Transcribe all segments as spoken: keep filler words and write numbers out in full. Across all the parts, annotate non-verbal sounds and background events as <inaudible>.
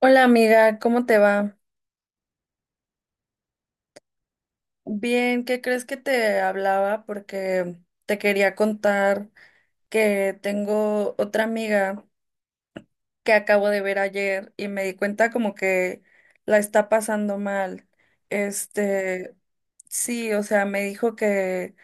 Hola amiga, ¿cómo te va? Bien, ¿qué crees que te hablaba? Porque te quería contar que tengo otra amiga que acabo de ver ayer y me di cuenta como que la está pasando mal. Este, sí, o sea, me dijo que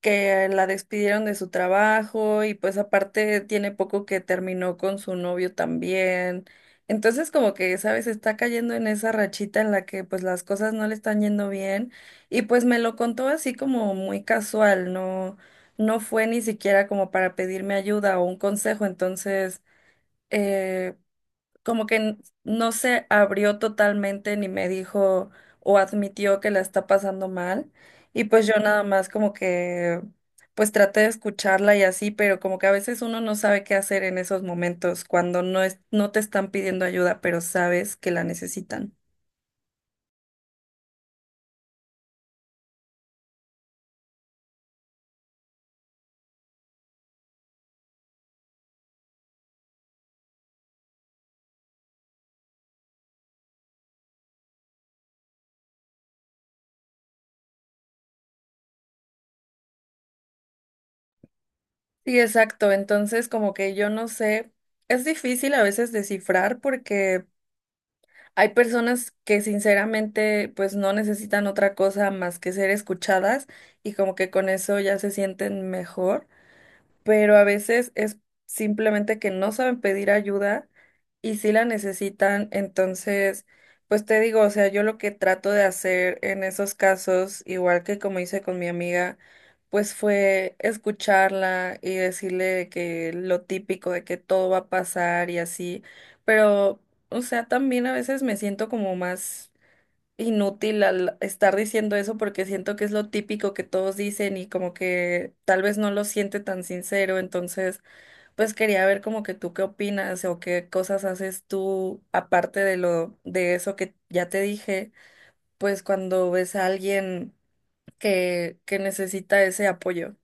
que la despidieron de su trabajo y pues aparte tiene poco que terminó con su novio también. Entonces como que, sabes, está cayendo en esa rachita en la que pues las cosas no le están yendo bien y pues me lo contó así como muy casual, no, no fue ni siquiera como para pedirme ayuda o un consejo, entonces eh, como que n- no se abrió totalmente ni me dijo o admitió que la está pasando mal. Y pues yo nada más como que pues traté de escucharla y así, pero como que a veces uno no sabe qué hacer en esos momentos cuando no es, no te están pidiendo ayuda, pero sabes que la necesitan. Sí, exacto. Entonces como que yo no sé, es difícil a veces descifrar porque hay personas que sinceramente pues no necesitan otra cosa más que ser escuchadas y como que con eso ya se sienten mejor, pero a veces es simplemente que no saben pedir ayuda y sí la necesitan. Entonces, pues te digo, o sea, yo lo que trato de hacer en esos casos, igual que como hice con mi amiga, pues fue escucharla y decirle que lo típico de que todo va a pasar y así, pero, o sea, también a veces me siento como más inútil al estar diciendo eso porque siento que es lo típico que todos dicen y como que tal vez no lo siente tan sincero, entonces pues quería ver como que tú qué opinas o qué cosas haces tú aparte de lo de eso que ya te dije, pues cuando ves a alguien que que necesita ese apoyo.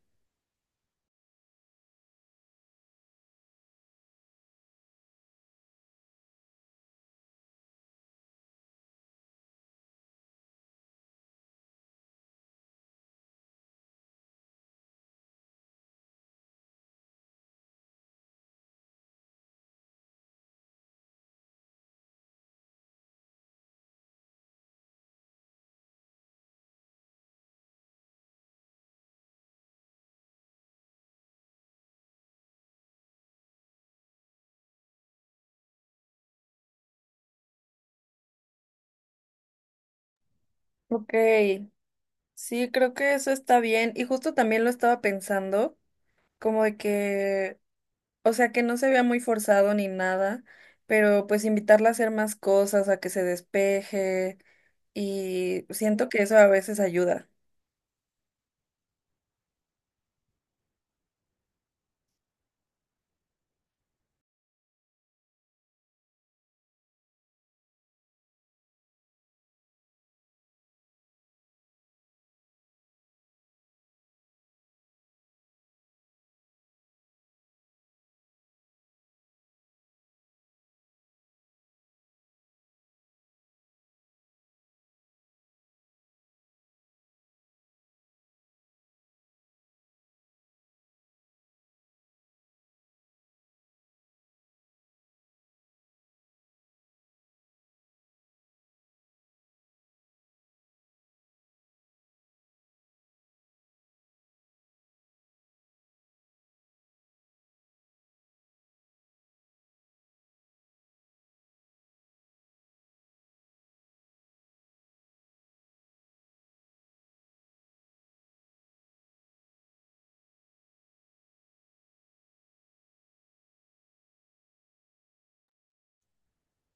Ok, sí, creo que eso está bien y justo también lo estaba pensando como de que, o sea, que no se vea muy forzado ni nada, pero pues invitarla a hacer más cosas, a que se despeje y siento que eso a veces ayuda.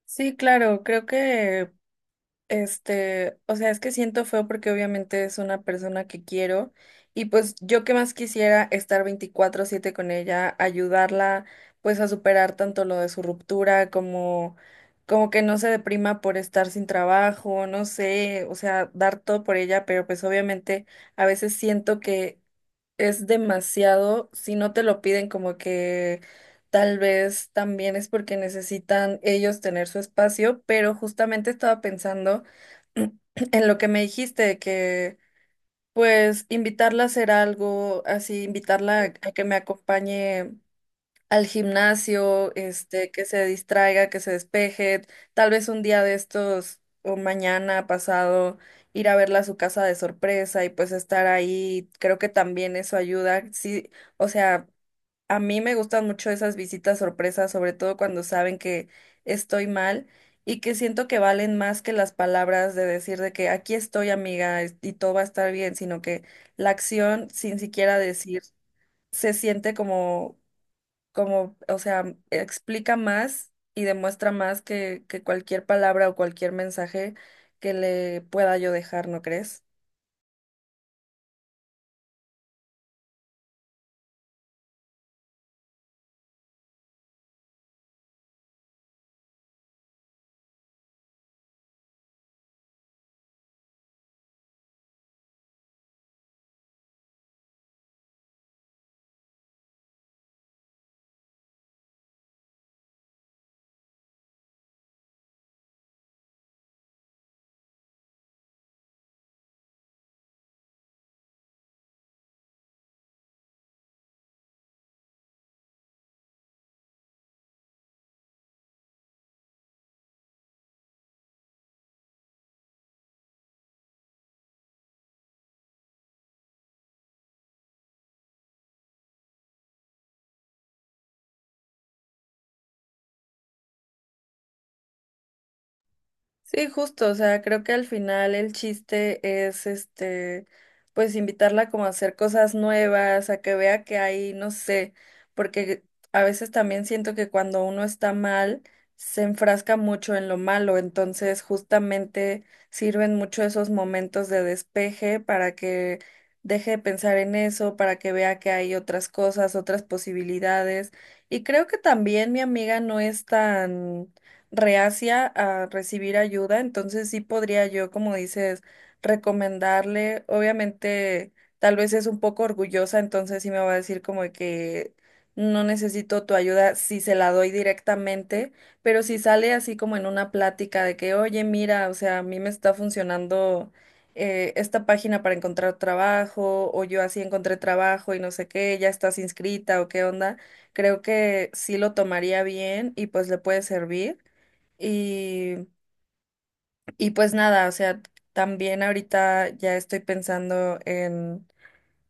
Sí, claro, creo que este, o sea, es que siento feo porque obviamente es una persona que quiero y pues yo que más quisiera estar veinticuatro siete con ella, ayudarla pues a superar tanto lo de su ruptura como como que no se deprima por estar sin trabajo, no sé, o sea, dar todo por ella, pero pues obviamente a veces siento que es demasiado, si no te lo piden como que tal vez también es porque necesitan ellos tener su espacio, pero justamente estaba pensando <clears throat> en lo que me dijiste, de que pues invitarla a hacer algo, así invitarla a a que me acompañe al gimnasio, este, que se distraiga, que se despeje, tal vez un día de estos o mañana pasado ir a verla a su casa de sorpresa y pues estar ahí, creo que también eso ayuda. Sí, o sea, a mí me gustan mucho esas visitas sorpresas, sobre todo cuando saben que estoy mal y que siento que valen más que las palabras de decir de que aquí estoy, amiga, es- y todo va a estar bien, sino que la acción sin siquiera decir se siente como como, o sea, explica más y demuestra más que, que cualquier palabra o cualquier mensaje que le pueda yo dejar, ¿no crees? Sí, justo, o sea, creo que al final el chiste es este, pues invitarla como a hacer cosas nuevas, a que vea que hay, no sé, porque a veces también siento que cuando uno está mal, se enfrasca mucho en lo malo, entonces justamente sirven mucho esos momentos de despeje para que deje de pensar en eso, para que vea que hay otras cosas, otras posibilidades. Y creo que también mi amiga no es tan reacia a recibir ayuda, entonces sí podría yo, como dices, recomendarle. Obviamente, tal vez es un poco orgullosa, entonces sí me va a decir como de que no necesito tu ayuda si se la doy directamente, pero si sale así como en una plática de que, oye, mira, o sea, a mí me está funcionando eh, esta página para encontrar trabajo, o yo así encontré trabajo y no sé qué, ya estás inscrita o qué onda, creo que sí lo tomaría bien y pues le puede servir. Y, y pues nada, o sea, también ahorita ya estoy pensando en,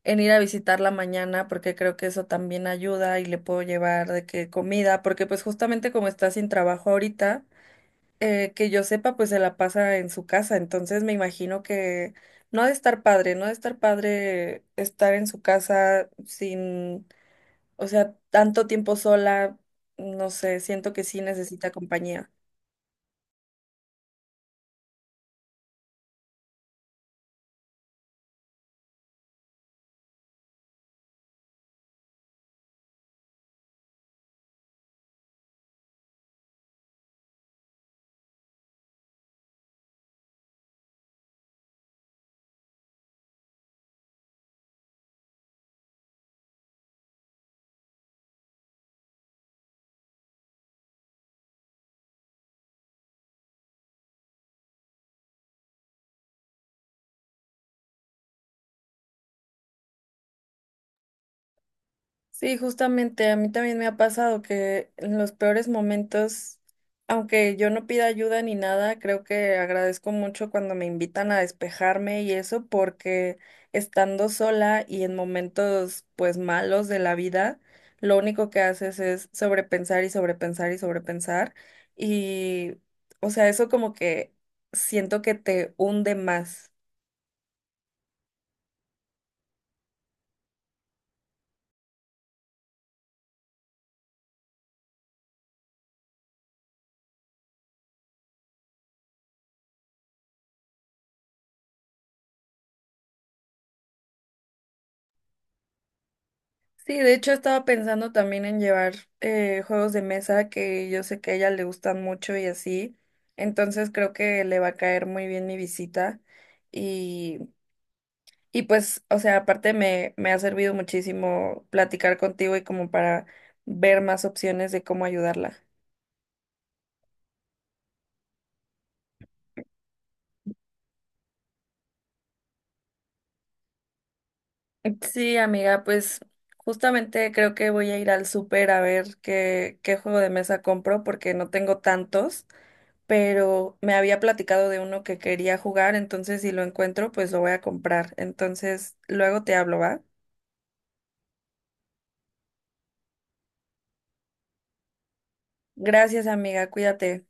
en ir a visitarla mañana porque creo que eso también ayuda y le puedo llevar de que comida, porque pues justamente como está sin trabajo ahorita, eh, que yo sepa, pues se la pasa en su casa, entonces me imagino que no ha de estar padre, no ha de estar padre estar en su casa sin, o sea, tanto tiempo sola, no sé, siento que sí necesita compañía. Sí, justamente a mí también me ha pasado que en los peores momentos, aunque yo no pida ayuda ni nada, creo que agradezco mucho cuando me invitan a despejarme y eso porque estando sola y en momentos pues malos de la vida, lo único que haces es sobrepensar y sobrepensar y sobrepensar y, o sea, eso como que siento que te hunde más. Sí, de hecho estaba pensando también en llevar eh, juegos de mesa que yo sé que a ella le gustan mucho y así. Entonces creo que le va a caer muy bien mi visita. Y, y pues, o sea, aparte me, me ha servido muchísimo platicar contigo y como para ver más opciones de cómo ayudarla. Sí, amiga, pues justamente creo que voy a ir al súper a ver qué, qué juego de mesa compro porque no tengo tantos, pero me había platicado de uno que quería jugar, entonces si lo encuentro, pues lo voy a comprar. Entonces, luego te hablo, ¿va? Gracias, amiga, cuídate.